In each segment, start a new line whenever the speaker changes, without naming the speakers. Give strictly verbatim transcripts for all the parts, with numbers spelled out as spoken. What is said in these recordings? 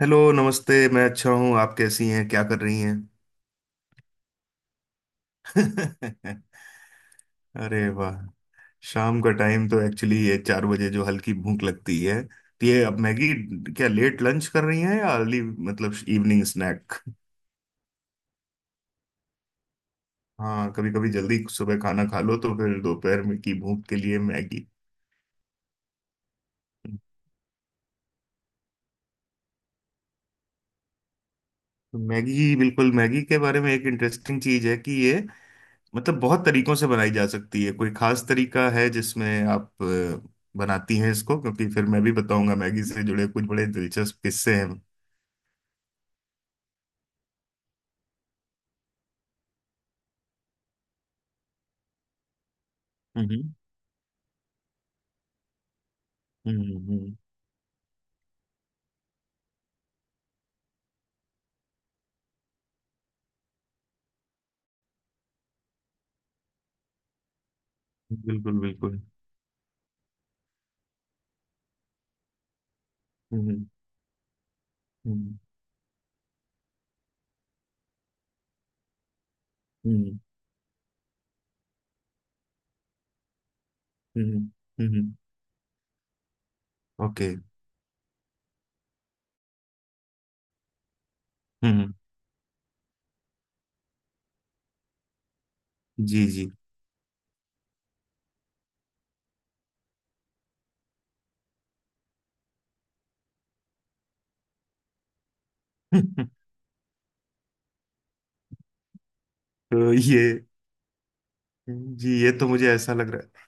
Hello, नमस्ते। मैं अच्छा हूँ। आप कैसी हैं? क्या कर रही हैं? अरे वाह। शाम का टाइम तो एक्चुअली ये चार बजे जो हल्की भूख लगती है तो ये अब मैगी। क्या लेट लंच कर रही हैं या अर्ली मतलब इवनिंग स्नैक? हाँ, कभी कभी जल्दी सुबह खाना खा लो तो फिर दोपहर में की भूख के लिए मैगी। तो मैगी, बिल्कुल मैगी के बारे में एक इंटरेस्टिंग चीज है कि ये मतलब बहुत तरीकों से बनाई जा सकती है। कोई खास तरीका है जिसमें आप अ, बनाती हैं इसको? क्योंकि फिर मैं भी बताऊंगा मैगी से जुड़े कुछ बड़े दिलचस्प किस्से हैं। हम्म। हम्म। हम्म, बिल्कुल बिल्कुल। हम्म। हम्म। हम्म। हम्म। हम्म, ओके। हम्म। जी। जी। तो ये, जी, ये तो मुझे ऐसा लग रहा है।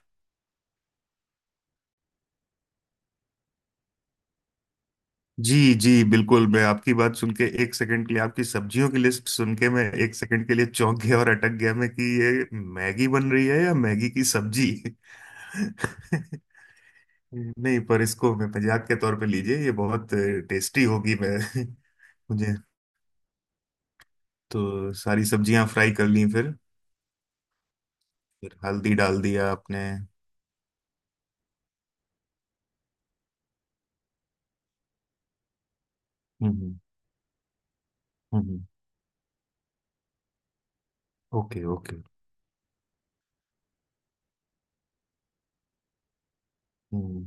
जी जी बिल्कुल। मैं आपकी बात सुन के, एक सेकंड के लिए आपकी सब्जियों की लिस्ट सुन के, मैं एक सेकंड के लिए चौंक गया और अटक गया, मैं कि ये मैगी बन रही है या मैगी की सब्जी। नहीं, पर इसको मैं मजाक के तौर पे लीजिए, ये बहुत टेस्टी होगी। मैं मुझे, तो सारी सब्जियां फ्राई कर ली फिर? फिर हल्दी डाल दिया आपने। हम्म। हम्म। हम्म, हम्म, ओके ओके। हम्म।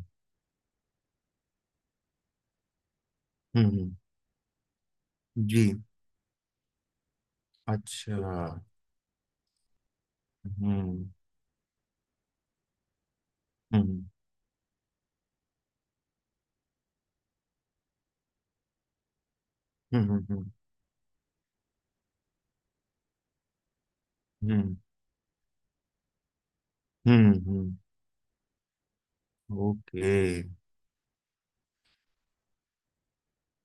हम्म। हम्म, जी। अच्छा। हम्म। हम्म। हम्म। हम्म। हम्म। हम्म। हम्म, हम्म, ओके।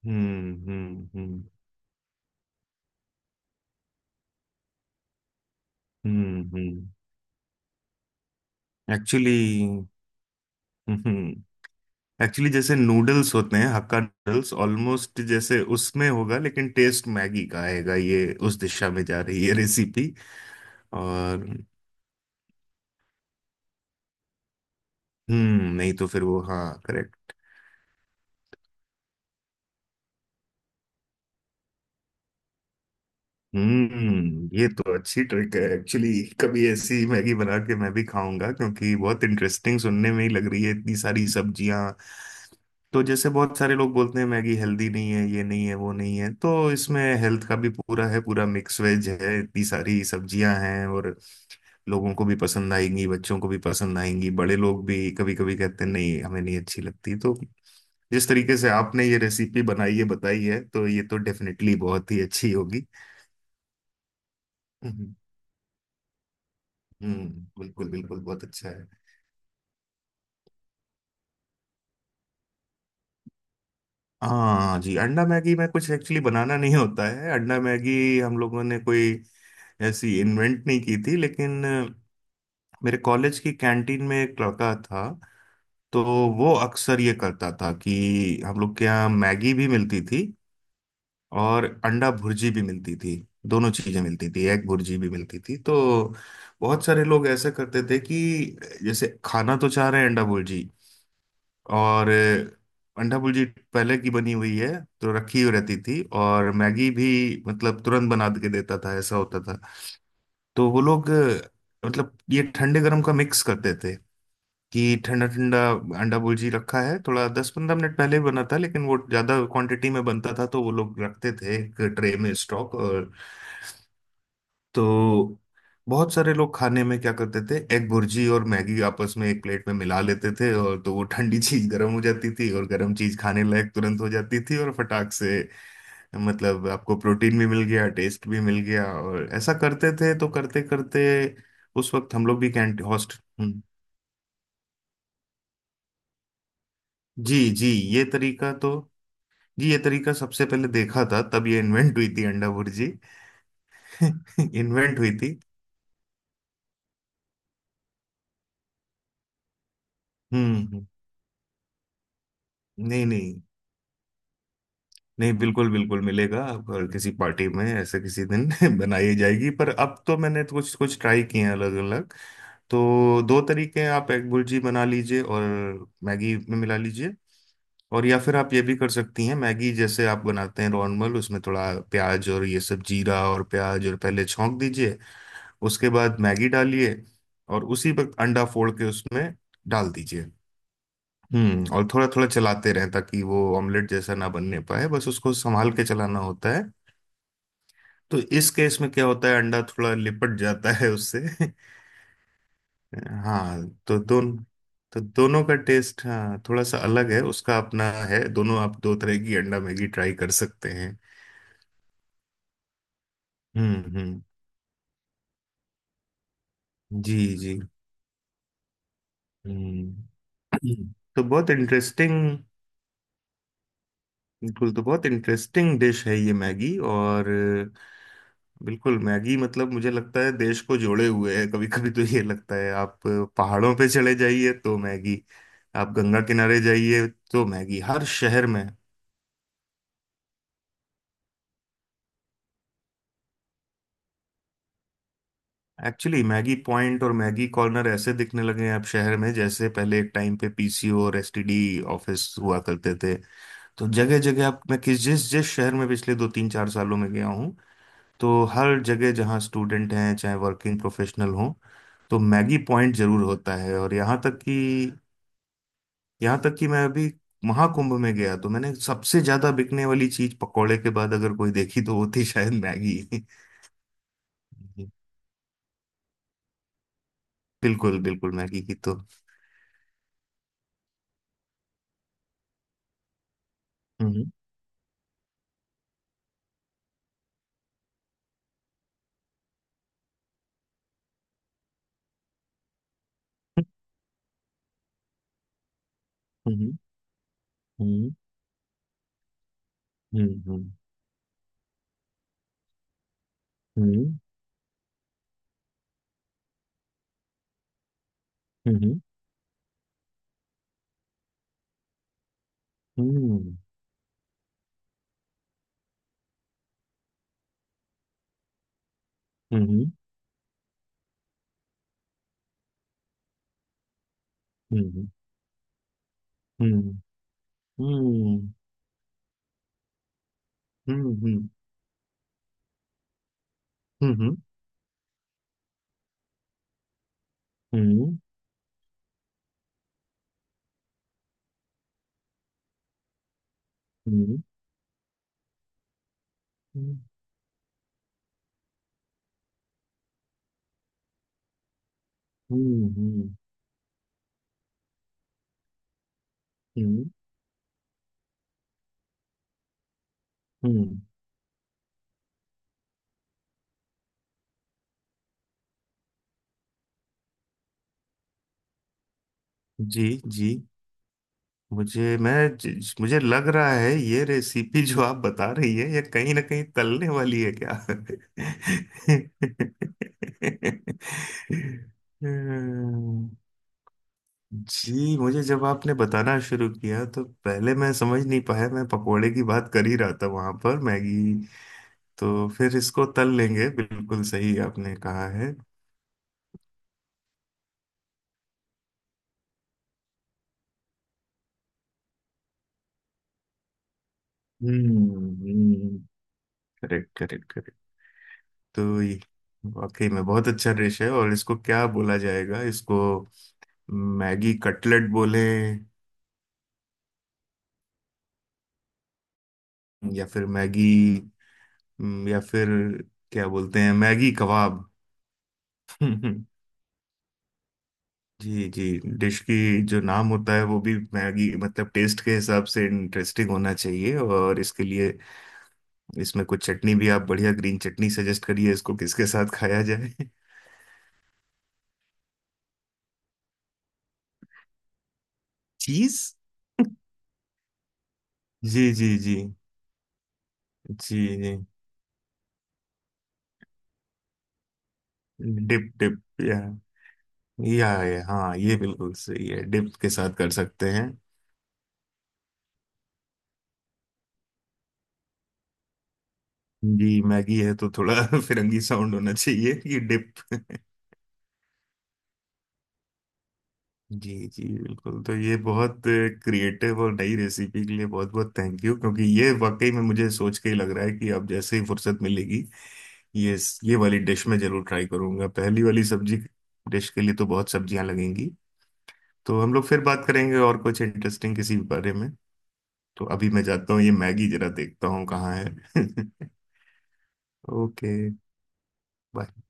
हम्म। हम्म। हम्म। हम्म। हम्म एक्चुअली, हम्म एक्चुअली जैसे नूडल्स होते हैं, हक्का नूडल्स ऑलमोस्ट जैसे उसमें होगा, लेकिन टेस्ट मैगी का आएगा, ये उस दिशा में जा रही है रेसिपी। और, हम्म, नहीं तो फिर वो, हाँ। हम्म, ये तो अच्छी ट्रिक है एक्चुअली। कभी ऐसी मैगी बना के मैं भी खाऊंगा, क्योंकि बहुत इंटरेस्टिंग सुनने में ही लग रही है, इतनी सारी सब्जियां। तो जैसे बहुत सारे लोग बोलते हैं मैगी हेल्दी नहीं है, ये नहीं है, वो नहीं है, तो इसमें हेल्थ का भी पूरा है, पूरा मिक्स वेज है, इतनी सारी सब्जियां हैं। और लोगों को भी पसंद आएंगी, बच्चों को भी पसंद आएंगी, बड़े लोग भी कभी कभी कहते हैं नहीं हमें नहीं अच्छी लगती, तो जिस तरीके से आपने ये रेसिपी बनाई है, बताई है, तो ये तो डेफिनेटली बहुत ही अच्छी होगी। हम्म। हम्म। बिल्कुल बिल्कुल, बहुत अच्छा है। हाँ जी, अंडा मैगी में कुछ एक्चुअली बनाना नहीं होता है अंडा मैगी। हम लोगों ने कोई ऐसी इन्वेंट नहीं की थी, लेकिन अ, मेरे कॉलेज की कैंटीन में एक लड़का था। तो वो अक्सर ये करता था कि हम लोग के यहाँ मैगी भी मिलती थी और अंडा भुर्जी भी मिलती थी। दोनों चीजें मिलती थी, एग भुर्जी भी मिलती थी, तो बहुत सारे लोग ऐसे करते थे कि जैसे खाना तो चाह रहे हैं अंडा भुर्जी, और अ, अंडा भुर्जी पहले की बनी हुई है, तो रखी हुई रहती थी, और मैगी भी मतलब तुरंत बना के देता था, ऐसा होता था। तो वो लोग अ, मतलब ये ठंडे गर्म का मिक्स करते थे, कि ठंडा ठंडा अंडा भुर्जी रखा है, थोड़ा दस पंद्रह मिनट पहले ही बना था, लेकिन वो ज्यादा क्वांटिटी में बनता था, तो वो लोग रखते थे एक ट्रे में स्टॉक। और तो बहुत सारे लोग खाने में क्या करते थे, एग भुर्जी और मैगी आपस में एक प्लेट में मिला लेते थे, और तो वो ठंडी चीज गर्म हो जाती थी और गर्म चीज खाने लायक तुरंत हो जाती थी और फटाक से, मतलब आपको प्रोटीन भी मिल गया टेस्ट भी मिल गया, और ऐसा करते थे, तो करते करते उस वक्त हम लोग भी कैंट हॉस्ट। हम्म, जी जी। ये तरीका तो, जी ये तरीका सबसे पहले देखा था, तब ये इन्वेंट हुई थी अंडा भुर्जी। इन्वेंट हुई थी। हम्म हम्म, नहीं नहीं, नहीं बिल्कुल बिल्कुल मिलेगा, और किसी पार्टी में ऐसे किसी दिन बनाई जाएगी। पर अब तो मैंने तो कुछ कुछ ट्राई किए हैं, अलग अलग। तो दो तरीके हैं, आप एग बुर्जी बना लीजिए और मैगी में मिला लीजिए। और या फिर आप ये भी कर सकती हैं, मैगी जैसे आप बनाते हैं नॉर्मल, उसमें थोड़ा प्याज और ये सब जीरा और प्याज और पहले छौंक दीजिए। उसके बाद मैगी डालिए और उसी वक्त अंडा फोड़ के उसमें डाल दीजिए। हम्म, और थोड़ा थोड़ा चलाते रहें ताकि वो ऑमलेट जैसा ना बनने पाए, बस उसको संभाल के चलाना होता है। तो इस केस में क्या होता है, अंडा थोड़ा लिपट जाता है उससे। हाँ, तो दोनों, तो दोनों का टेस्ट, हाँ, थोड़ा सा अलग है उसका अपना है। दोनों, आप दो तरह की अंडा मैगी ट्राई कर सकते हैं। हम्म हम्म, जी जी, हम्म। तो बहुत इंटरेस्टिंग, बिल्कुल, तो बहुत इंटरेस्टिंग डिश है ये मैगी। और बिल्कुल, मैगी मतलब मुझे लगता है देश को जोड़े हुए है। कभी कभी तो ये लगता है, आप पहाड़ों पे चले जाइए तो मैगी, आप गंगा किनारे जाइए तो मैगी, हर शहर में। एक्चुअली मैगी पॉइंट और मैगी कॉर्नर ऐसे दिखने लगे हैं अब शहर में, जैसे पहले एक टाइम पे पी सी ओ और एस टी डी ऑफिस हुआ करते थे। तो जगह जगह, आप, मैं किस जिस जिस शहर में पिछले दो तीन चार सालों में गया हूँ, तो हर जगह, जहाँ स्टूडेंट हैं चाहे वर्किंग प्रोफेशनल हों, तो मैगी पॉइंट जरूर होता है। और यहाँ तक कि यहाँ तक कि मैं अभी महाकुंभ में गया तो मैंने सबसे ज्यादा बिकने वाली चीज पकोड़े के बाद अगर कोई देखी तो वो थी शायद मैगी। बिल्कुल बिल्कुल। मैगी की तो, हम्म। हम्म। हम्म। हम्म। हम्म। हम्म। हम्म। हम्म। हम्म। हम्म। हम्म। हम्म। हम्म। हम्म। हम्म। हम्म। हम्म। हम्म। जी जी, मुझे मैं ज- मुझे लग रहा है ये रेसिपी जो आप बता रही है ये कहीं ना कहीं तलने वाली है क्या? हम्म, जी, मुझे जब आपने बताना शुरू किया तो पहले मैं समझ नहीं पाया, मैं पकोड़े की बात कर ही रहा था, वहां पर मैगी। तो फिर इसको तल लेंगे, बिल्कुल सही आपने कहा है। हम्म, करेक्ट करेक्ट। तो ये वाकई में बहुत अच्छा डिश है, और इसको क्या बोला जाएगा इसको? मैगी कटलेट बोले, या फिर मैगी, हम्म, या फिर क्या बोलते हैं, मैगी कबाब? जी जी। डिश की जो नाम होता है वो भी मैगी मतलब टेस्ट के हिसाब से इंटरेस्टिंग होना चाहिए, और इसके लिए इसमें कुछ चटनी भी, आप बढ़िया ग्रीन चटनी सजेस्ट करिए इसको किसके साथ खाया जाए। चीज। जी जी जी जी जी, डिप डिप, या या ये, हाँ, ये बिल्कुल सही है, डिप के साथ कर सकते हैं। जी मैगी है तो थोड़ा फिरंगी साउंड होना चाहिए, कि डिप। जी जी बिल्कुल। तो ये बहुत क्रिएटिव और नई रेसिपी के लिए बहुत बहुत थैंक यू, क्योंकि ये वाकई में मुझे सोच के ही लग रहा है कि अब जैसे ही फुर्सत मिलेगी, ये ये वाली डिश में जरूर ट्राई करूंगा। पहली वाली सब्जी डिश के लिए तो बहुत सब्जियां लगेंगी, तो हम लोग फिर बात करेंगे और कुछ इंटरेस्टिंग किसी बारे में। तो अभी मैं जाता हूँ, ये मैगी जरा देखता हूँ कहाँ है। Okay, bye.